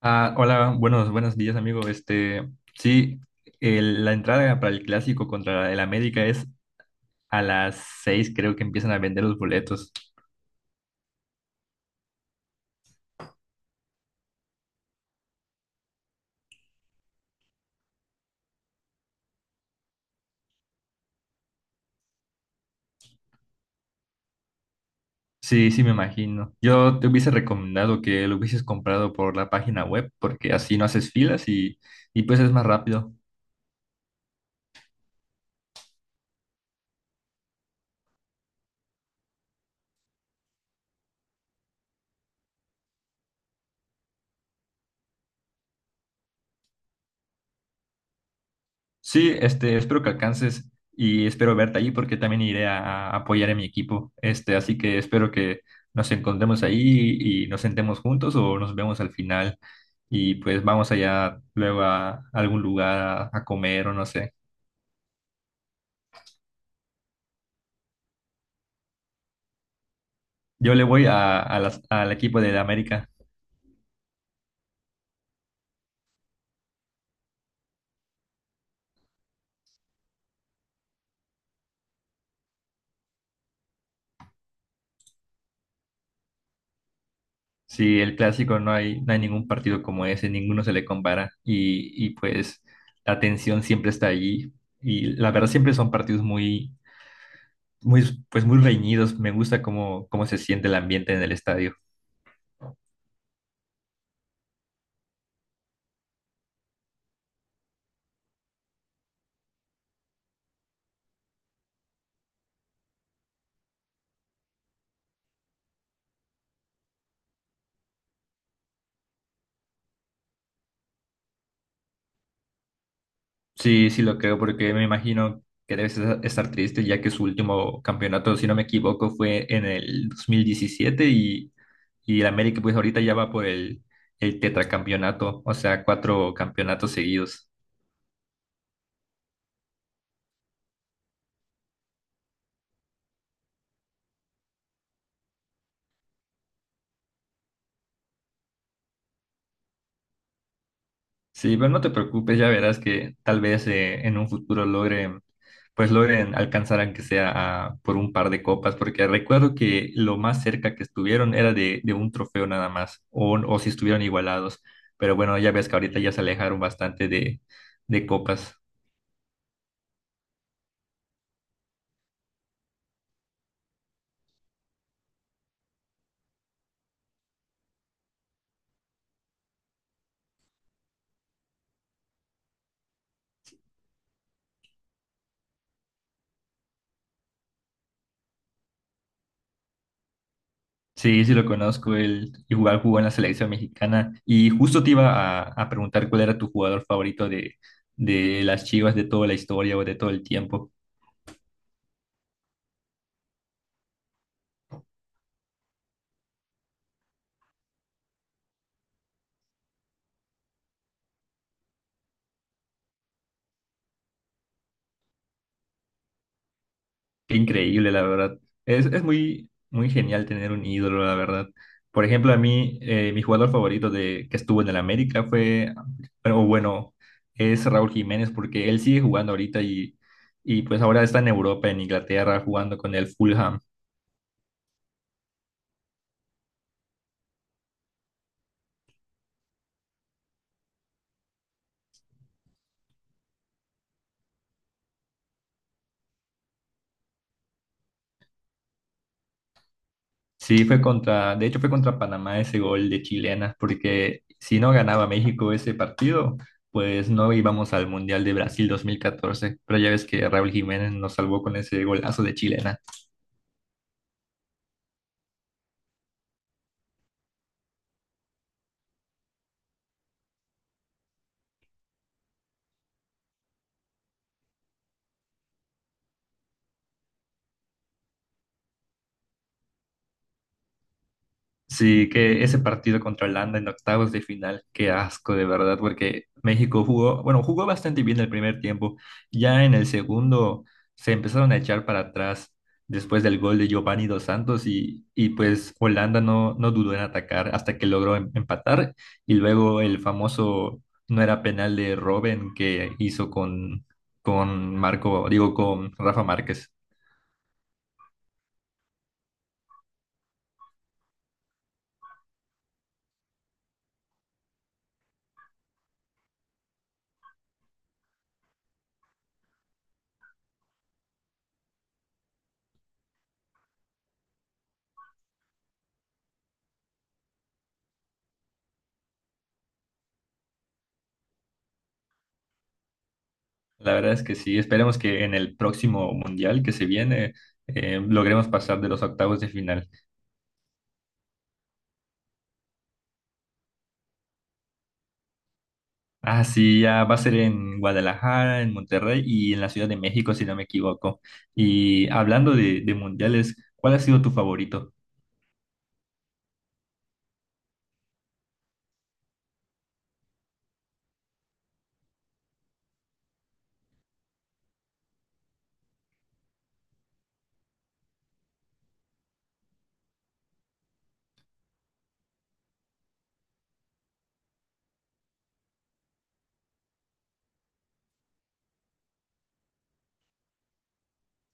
Ah, hola, buenos días, amigo. Este, sí, la entrada para el clásico contra el América es a las 6, creo que empiezan a vender los boletos. Sí, sí, me imagino. Yo te hubiese recomendado que lo hubieses comprado por la página web, porque así no haces filas y pues es más rápido. Sí, este, espero que alcances y espero verte allí porque también iré a apoyar a mi equipo. Este, así que espero que nos encontremos ahí y nos sentemos juntos o nos vemos al final y pues vamos allá luego a algún lugar a comer o no sé. Yo le voy a al equipo de la América. Sí, el clásico no hay ningún partido como ese, ninguno se le compara y pues la tensión siempre está allí y la verdad siempre son partidos muy reñidos. Me gusta cómo se siente el ambiente en el estadio. Sí, sí lo creo, porque me imagino que estar triste, ya que su último campeonato, si no me equivoco, fue en el 2017 y el América pues ahorita ya va por el tetracampeonato, o sea, cuatro campeonatos seguidos. Sí, pero no te preocupes, ya verás que tal vez en un futuro pues logren alcanzar aunque sea por un par de copas, porque recuerdo que lo más cerca que estuvieron era de un trofeo nada más, o si estuvieron igualados, pero bueno, ya ves que ahorita ya se alejaron bastante de de copas. Sí, sí lo conozco, él igual jugó en la selección mexicana y justo te iba a preguntar cuál era tu jugador favorito de de las Chivas de toda la historia o de todo el tiempo. Qué increíble, la verdad. Es muy, muy genial tener un ídolo, la verdad. Por ejemplo, a mí, mi jugador favorito que estuvo en el América fue, o bueno, es Raúl Jiménez, porque él sigue jugando ahorita y pues ahora está en Europa, en Inglaterra, jugando con el Fulham. Sí, de hecho fue contra Panamá ese gol de chilena, porque si no ganaba México ese partido, pues no íbamos al Mundial de Brasil 2014. Pero ya ves que Raúl Jiménez nos salvó con ese golazo de chilena. Sí, que ese partido contra Holanda en octavos de final, qué asco de verdad, porque México jugó, bueno, jugó bastante bien el primer tiempo, ya en el segundo se empezaron a echar para atrás después del gol de Giovanni Dos Santos y pues Holanda no dudó en atacar hasta que logró empatar y luego el famoso no era penal de Robben que hizo con con Rafa Márquez. La verdad es que sí, esperemos que en el próximo mundial que se viene logremos pasar de los octavos de final. Ah, sí, ya va a ser en Guadalajara, en Monterrey y en la Ciudad de México, si no me equivoco. Y hablando de mundiales, ¿cuál ha sido tu favorito?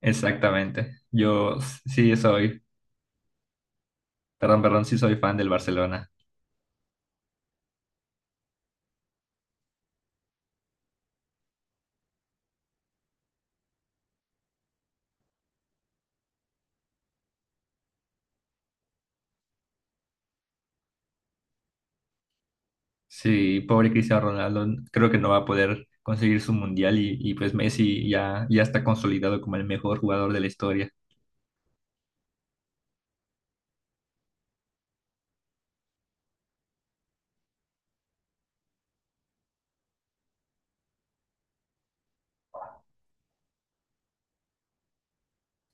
Exactamente. Yo s- sí soy, perdón, perdón, sí soy fan del Barcelona. Sí, pobre Cristiano Ronaldo, creo que no va a poder conseguir su mundial y pues Messi ya está consolidado como el mejor jugador de la historia.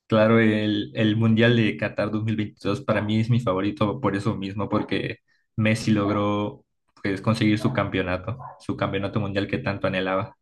Claro, el Mundial de Qatar 2022 para mí es mi favorito por eso mismo, porque Messi logró pues, conseguir su campeonato mundial que tanto anhelaba.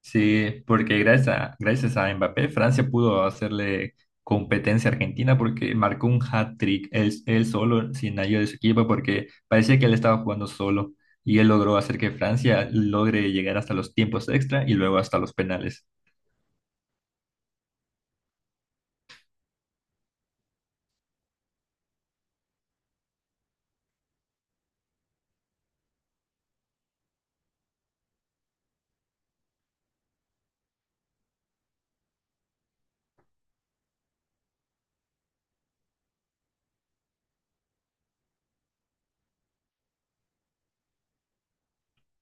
Sí, porque gracias a Mbappé, Francia pudo hacerle competencia a Argentina porque marcó un hat-trick él solo, sin ayuda de su equipo, porque parecía que él estaba jugando solo y él logró hacer que Francia logre llegar hasta los tiempos extra y luego hasta los penales.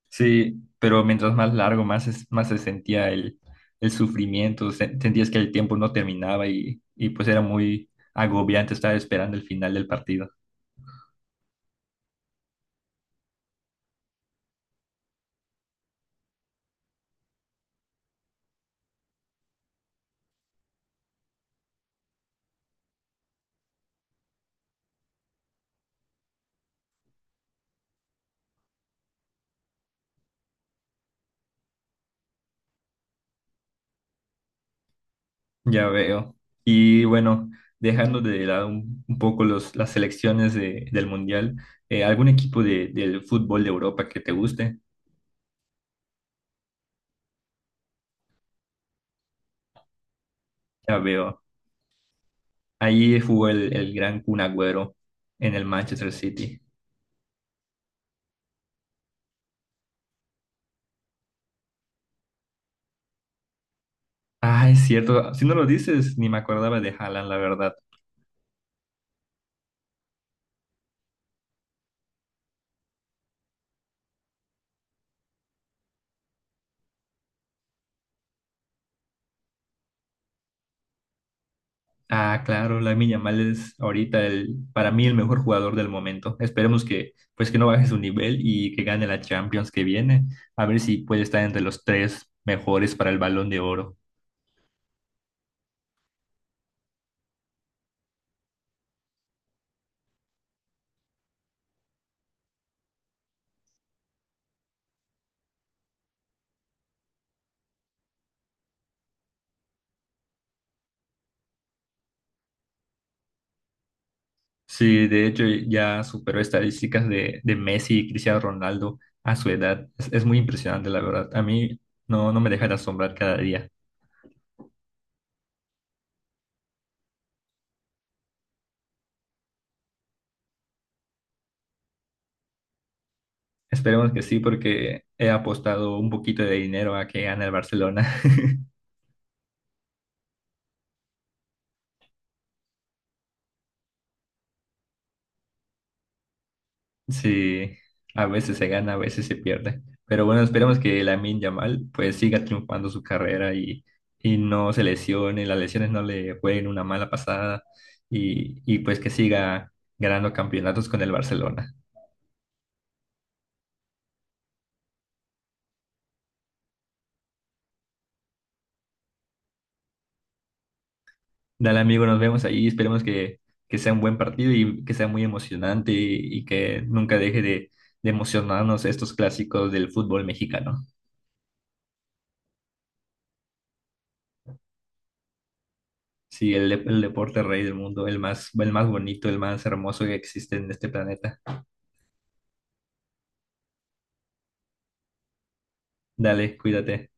Sí, pero mientras más largo, más se sentía el sufrimiento, sentías que el tiempo no terminaba y pues era muy agobiante estar esperando el final del partido. Ya veo. Y bueno, dejando de lado un poco las selecciones del Mundial, ¿algún equipo del fútbol de Europa que te guste? Ya veo. Ahí jugó el gran Kun Agüero en el Manchester City. Ah, es cierto. Si no lo dices, ni me acordaba de Haaland, la verdad. Ah, claro, Lamine Yamal es ahorita para mí el mejor jugador del momento. Esperemos que, pues, que no baje su nivel y que gane la Champions que viene. A ver si puede estar entre los tres mejores para el Balón de Oro. Sí, de hecho ya superó estadísticas de Messi y Cristiano Ronaldo a su edad. Es muy impresionante, la verdad. A mí no me deja de asombrar cada día. Esperemos que sí, porque he apostado un poquito de dinero a que gane el Barcelona. Sí, a veces se gana, a veces se pierde. Pero bueno, esperemos que Lamine Yamal pues siga triunfando su carrera y no se lesione, las lesiones no le jueguen una mala pasada y pues que siga ganando campeonatos con el Barcelona. Dale amigo, nos vemos ahí, que sea un buen partido y que sea muy emocionante y que nunca deje de emocionarnos estos clásicos del fútbol mexicano. Sí, el deporte rey del mundo, el más bonito, el más hermoso que existe en este planeta. Dale, cuídate.